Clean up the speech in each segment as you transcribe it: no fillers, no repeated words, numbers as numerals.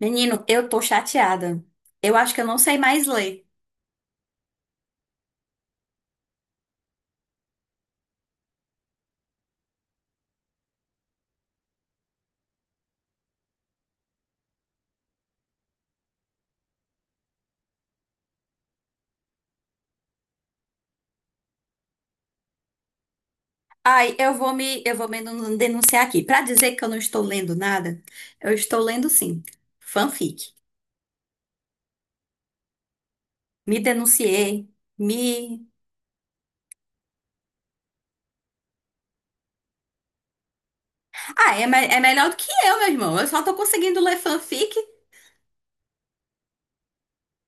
Menino, eu tô chateada. Eu acho que eu não sei mais ler. Ai, eu vou me denun- denunciar aqui. Pra dizer que eu não estou lendo nada, eu estou lendo sim, fanfic. Me denunciei, me... Ah, é, é melhor do que eu, meu irmão. Eu só tô conseguindo ler fanfic.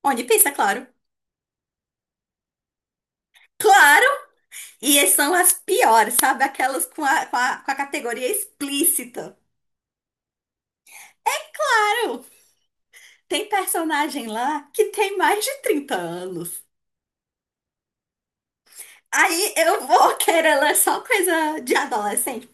Onde pensa, claro. Claro! E são as piores, sabe? Aquelas com a categoria explícita. Claro! Tem personagem lá que tem mais de 30 anos. Aí eu vou querer ler só coisa de adolescente?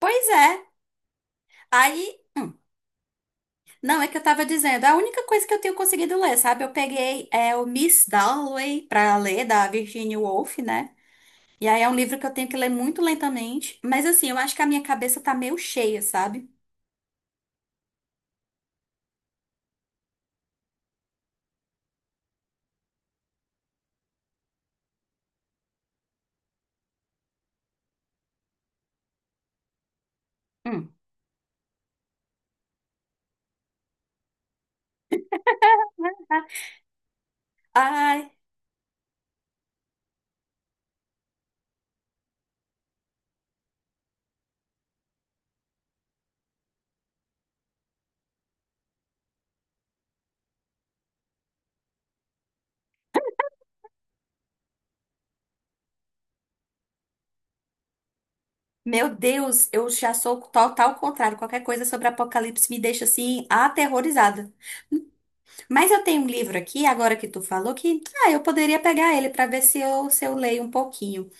Pois é. Aí. Não, é que eu tava dizendo. A única coisa que eu tenho conseguido ler, sabe? Eu peguei o Miss Dalloway pra ler, da Virginia Woolf, né? E aí é um livro que eu tenho que ler muito lentamente. Mas assim, eu acho que a minha cabeça tá meio cheia, sabe? Hum. Ai, meu Deus, eu já sou total contrário. Qualquer coisa sobre apocalipse me deixa assim, aterrorizada. Mas eu tenho um livro aqui, agora que tu falou, que ah, eu poderia pegar ele para ver se eu leio um pouquinho.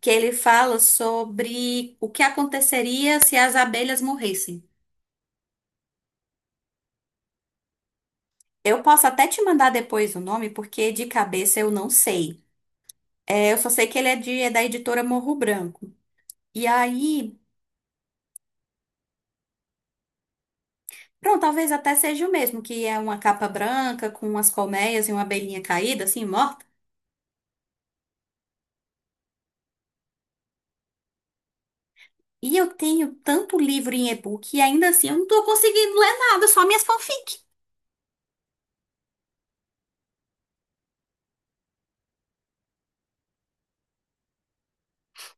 Que ele fala sobre o que aconteceria se as abelhas morressem. Eu posso até te mandar depois o nome, porque de cabeça eu não sei. É, eu só sei que é da editora Morro Branco. E aí, pronto, talvez até seja o mesmo, que é uma capa branca com umas colmeias e uma abelhinha caída, assim, morta. E eu tenho tanto livro em e-book e ainda assim eu não tô conseguindo ler nada, só minhas fanfics.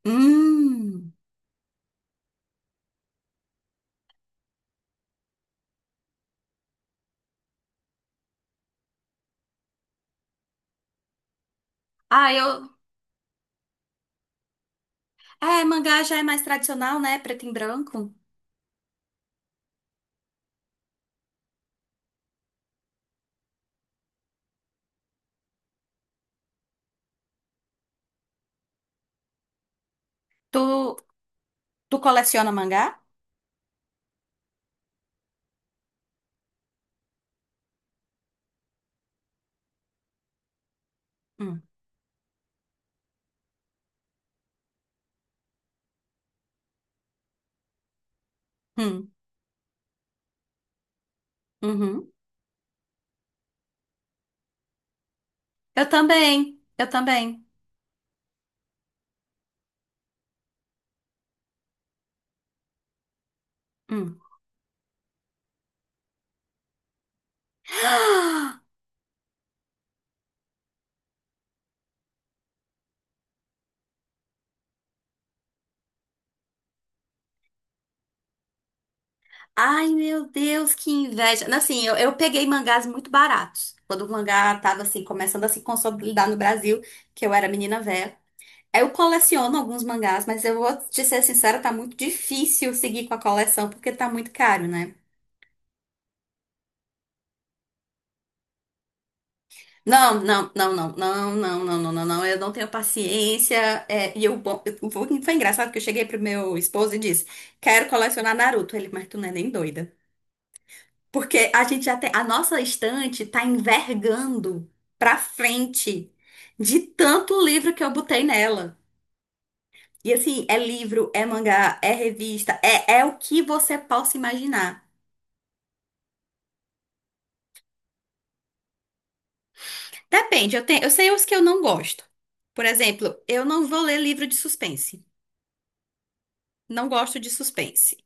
Hum. Ah, eu. É, mangá já é mais tradicional, né? Preto e branco. Tu, tu coleciona mangá? Hum. Hum. Uhum. Eu também. Eu também. Hum. Ah! Ai, meu Deus, que inveja. Assim, eu peguei mangás muito baratos. Quando o mangá tava assim, começando a se consolidar no Brasil, que eu era menina velha. Eu coleciono alguns mangás, mas eu vou te ser sincera, tá muito difícil seguir com a coleção, porque tá muito caro, né? Não, não, não, não, não, não, não, não, não, não, eu não tenho paciência. Foi engraçado que eu cheguei pro meu esposo e disse: Quero colecionar Naruto. Ele, mas tu não é nem doida. Porque a gente já tem, a nossa estante tá envergando pra frente de tanto livro que eu botei nela. E assim, é livro, é mangá, é revista, é o que você possa imaginar. Depende, eu tenho, eu sei os que eu não gosto. Por exemplo, eu não vou ler livro de suspense. Não gosto de suspense.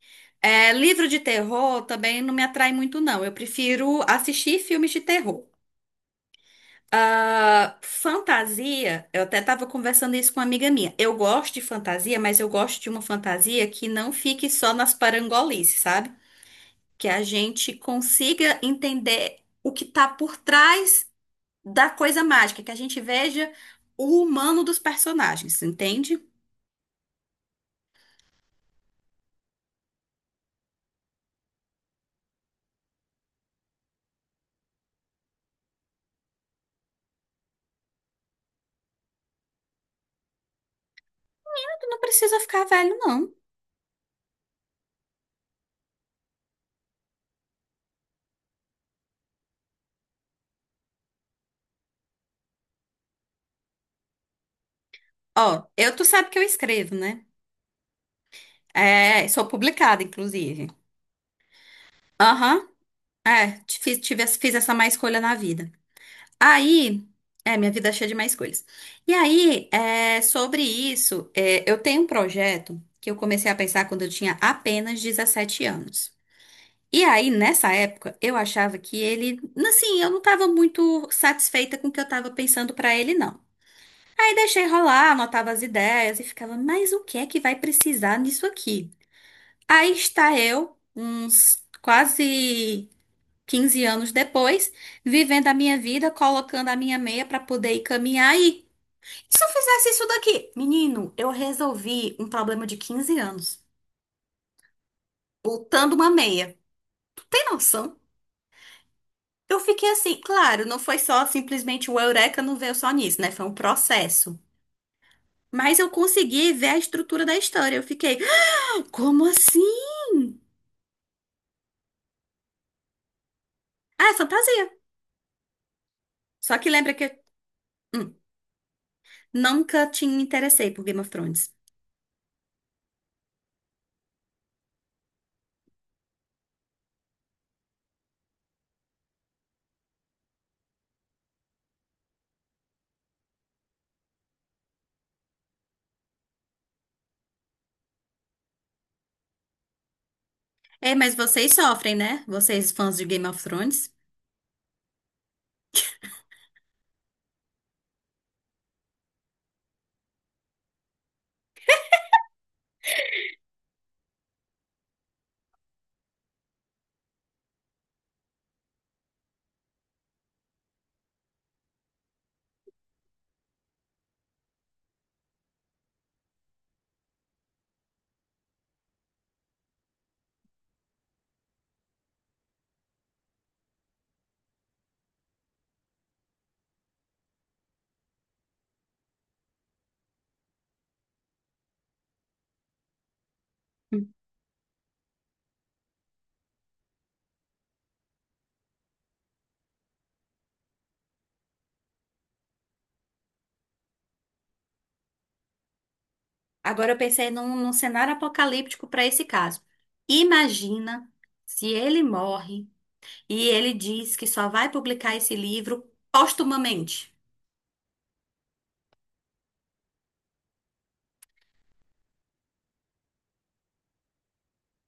É, livro de terror também não me atrai muito, não. Eu prefiro assistir filmes de terror. Ah, fantasia, eu até estava conversando isso com uma amiga minha. Eu gosto de fantasia, mas eu gosto de uma fantasia que não fique só nas parangolices, sabe? Que a gente consiga entender o que está por trás da coisa mágica, que a gente veja o humano dos personagens, entende? Tu não precisa ficar velho, não. Ó, eu tu sabe que eu escrevo, né? É, sou publicada, inclusive. Aham, fiz essa má escolha na vida. Aí, é, minha vida é cheia de má escolhas. E aí, é, sobre isso, é, eu tenho um projeto que eu comecei a pensar quando eu tinha apenas 17 anos. E aí, nessa época, eu achava que ele, assim, eu não estava muito satisfeita com o que eu estava pensando para ele, não. Aí deixei rolar, anotava as ideias e ficava, mas o que é que vai precisar nisso aqui? Aí está eu, uns quase 15 anos depois, vivendo a minha vida, colocando a minha meia para poder ir caminhar aí. Se eu fizesse isso daqui? Menino, eu resolvi um problema de 15 anos, botando uma meia. Tem noção? Eu fiquei assim, claro, não foi só simplesmente o Eureka não veio só nisso, né? Foi um processo. Mas eu consegui ver a estrutura da história. Eu fiquei, "Ah, como assim? Ah, é fantasia. Só que lembra que. Nunca te interessei por Game of Thrones. É, mas vocês sofrem, né? Vocês fãs de Game of Thrones. Agora eu pensei num cenário apocalíptico para esse caso. Imagina se ele morre e ele diz que só vai publicar esse livro postumamente,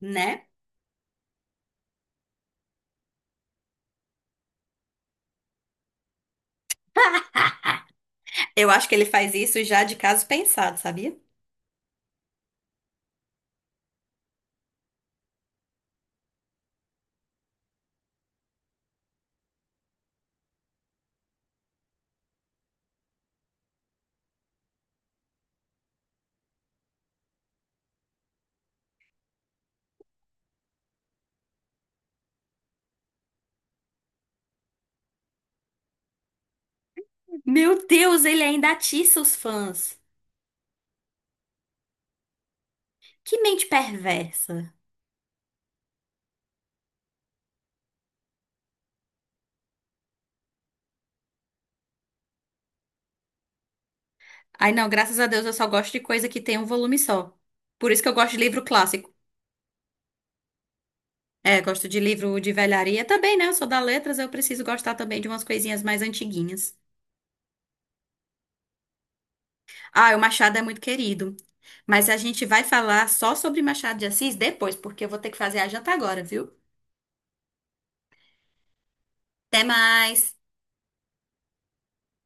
né? Eu acho que ele faz isso já de caso pensado, sabia? Meu Deus, ele ainda atiça os fãs. Que mente perversa. Ai, não, graças a Deus eu só gosto de coisa que tem um volume só. Por isso que eu gosto de livro clássico. É, gosto de livro de velharia também, né? Eu sou da letras, eu preciso gostar também de umas coisinhas mais antiguinhas. Ah, o Machado é muito querido. Mas a gente vai falar só sobre Machado de Assis depois, porque eu vou ter que fazer a janta agora, viu? Até mais!